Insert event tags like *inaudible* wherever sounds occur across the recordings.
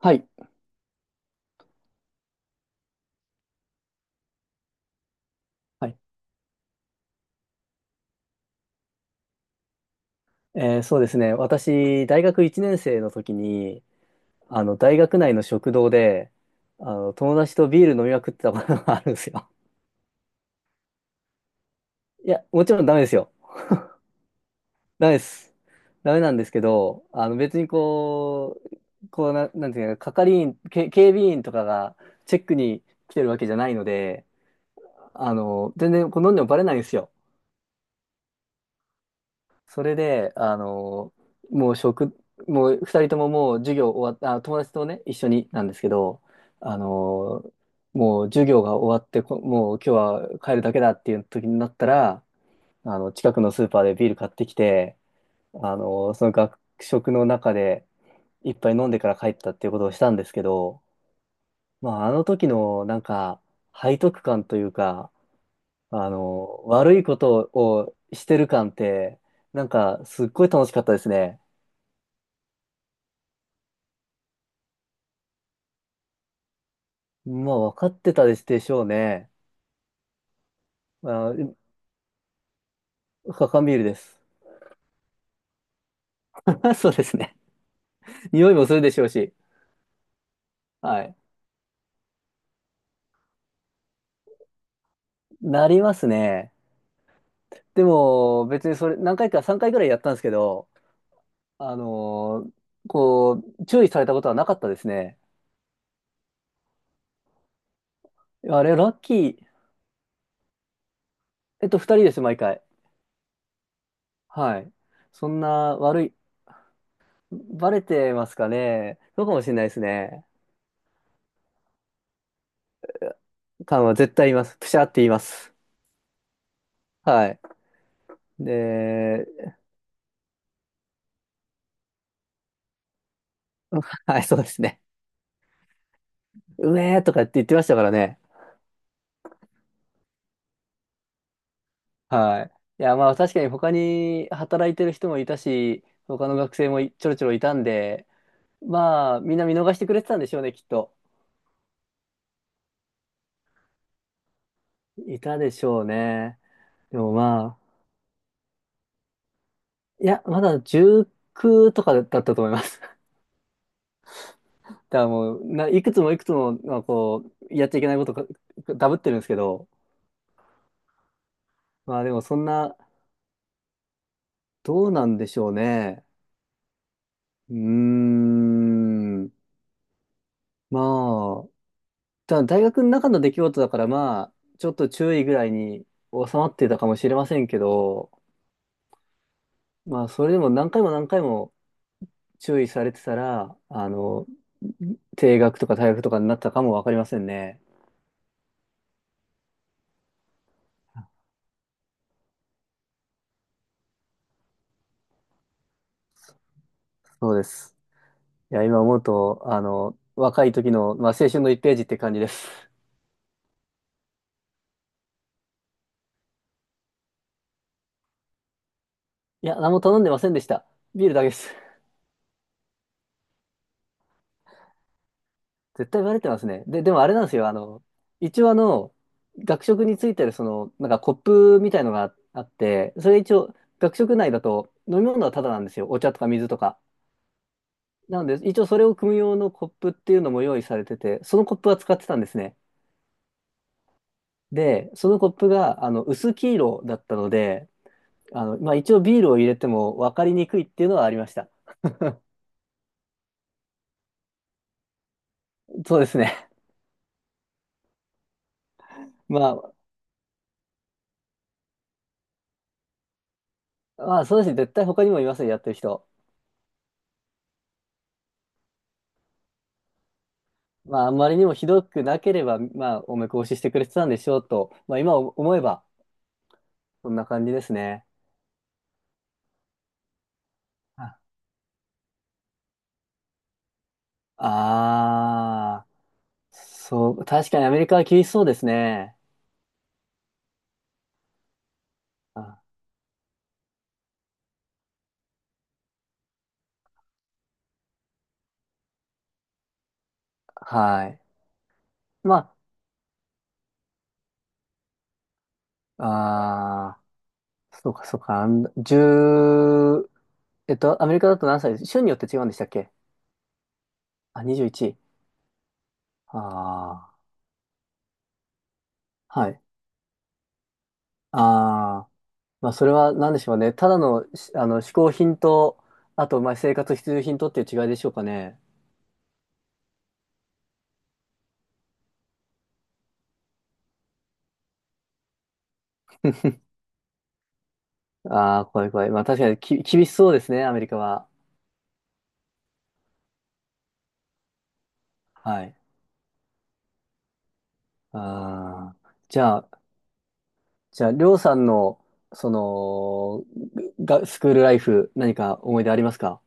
はい。はい。そうですね。私、大学1年生の時に、あの、大学内の食堂で、あの、友達とビール飲みまくってたことがあるんですよ。*laughs* いや、もちろんダメですよ。ダメです。ダメなんですけど、あの、別になんていうか、係員、警備員とかがチェックに来てるわけじゃないので、あの、全然こう飲んでもバレないんですよ。それで、あの、もう食、もう二人とももう授業終わった、あ、友達とね、一緒になんですけど、あの、もう授業が終わって、もう今日は帰るだけだっていう時になったら、あの、近くのスーパーでビール買ってきて、あの、その学食の中で一杯飲んでから帰ったっていうことをしたんですけど、まあ、あの時のなんか、背徳感というか、あの、悪いことをしてる感って、なんか、すっごい楽しかったですね。まあ、分かってたでしょうね。まあ、カンビールです。*laughs* そうですね。匂いもするでしょうし。はい。なりますね。でも、別にそれ、何回か、3回ぐらいやったんですけど、あのーこ注意されたことはなかったですね。あれ、ラッキー。2人です、毎回。はい。そんな悪い、バレてますかね。そうかもしれないですね。缶は絶対言います。プシャーって言います。はい。で、*laughs* はい、そうですね。うめーとかって言ってましたからね。はい。いや、まあ確かに他に働いてる人もいたし、他の学生もちょろちょろいたんで、まあみんな見逃してくれてたんでしょうね、きっと。いたでしょうね。でもまあ、いや、まだ19とかだったと思います。*laughs* だからもう、いくつもいくつも、まあ、こう、やっちゃいけないことか、ダブってるんですけど、まあでもそんな、どうなんでしょうね。うーん。まあ、ただ大学の中の出来事だから、まあ、ちょっと注意ぐらいに収まってたかもしれませんけど、まあ、それでも何回も何回も注意されてたら、あの、停学とか退学とかになったかもわかりませんね。そうです。いや、今思うと、あの、若い時の、まあ、青春の1ページって感じです。いや、何も頼んでませんでした。ビールだけです。絶対バレてますね。で、でもあれなんですよ。あの、一応あの、学食についてるその、なんかコップみたいのがあって、それ一応、学食内だと飲み物はタダなんですよ。お茶とか水とか。なので、一応それを汲む用のコップっていうのも用意されてて、そのコップは使ってたんですね。で、そのコップが、あの、薄黄色だったので、あの、まあ一応ビールを入れても分かりにくいっていうのはありました。そうですね。*laughs* ままあそうですね。絶対他にもいますよ、やってる人。まあ、あんまりにもひどくなければ、まあ、お目通ししてくれてたんでしょうと、まあ、今思えば、そんな感じですね。ああー、そう、確かにアメリカは厳しそうですね。あ、はい。まあ、ああ、そうか、そうか、1、アメリカだと何歳です、州によって違うんでしたっけ？あ、21。ああ、はい。ああ、まあ、それは何でしょうね。ただの、あの、嗜好品と、あと、まあ、生活必需品とっていう違いでしょうかね。ああ、怖い怖い。まあ確かに厳しそうですね、アメリカは。はい。ああ、じゃあ、りょうさんの、その、スクールライフ、何か思い出ありますか？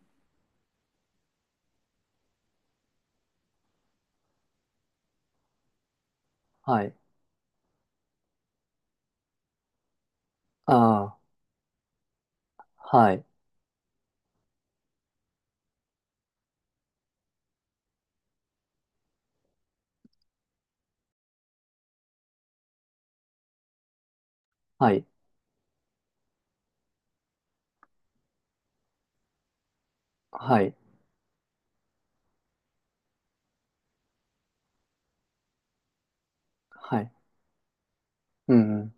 はい。ああ、はい。はい。はい。はい。うん、うん。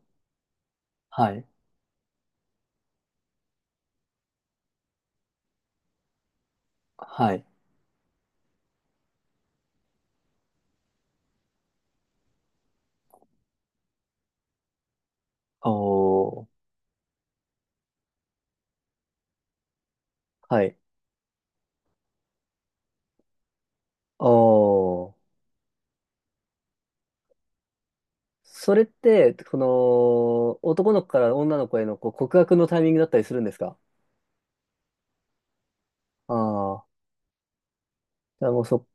はい。はい。おー。はい。おー。それって、この、男の子から女の子へのこう告白のタイミングだったりするんですかああー。じゃあもうそ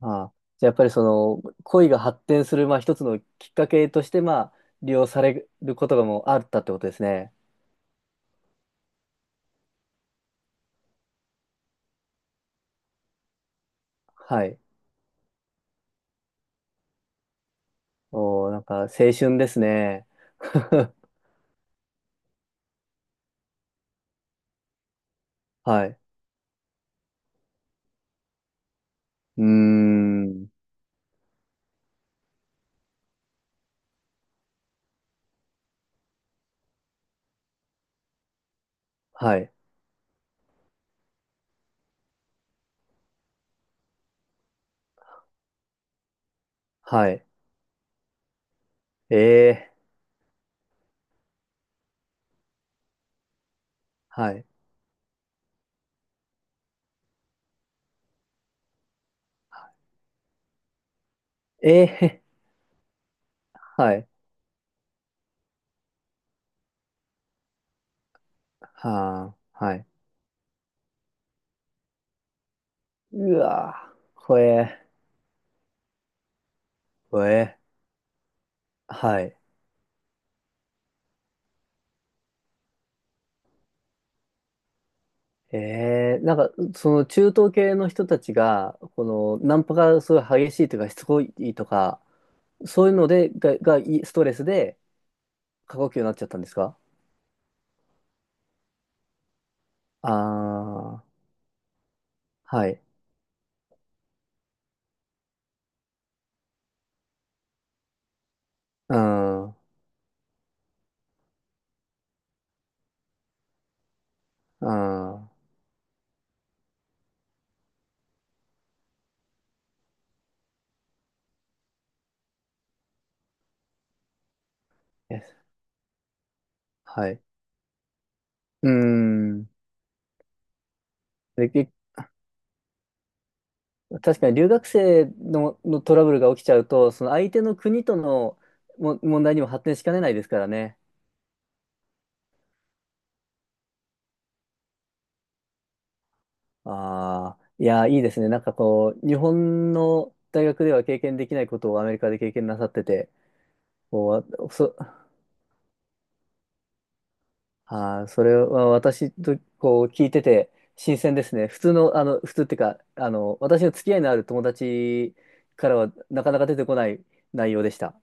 ああ、じゃあやっぱりその恋が発展する、まあ、一つのきっかけとして、まあ、利用されることがもうあったってことですね。はい。おー、なんか青春ですね。*laughs* はい。うーん。はい。はい。ええ、はい。ええ。 *laughs* はい。はあ、はい。うわー、ほえほえ、はい。ええ、なんか、その中東系の人たちが、この、ナンパがすごい激しいというか、しつこいとか、そういうので、が、がいストレスで過呼吸になっちゃったんですか？ああー、はい。うん、うん、Yes、 はい。うん。で、確かに留学生のトラブルが起きちゃうと、その相手の国とのも問題にも発展しかねないですからね。ああ、いや、いいですね。なんかこう、日本の大学では経験できないことをアメリカで経験なさってて、こう、わそ、ああ、それは私とこう聞いてて新鮮ですね。普通の、あの、普通っていうか、あの、私の付き合いのある友達からはなかなか出てこない内容でした。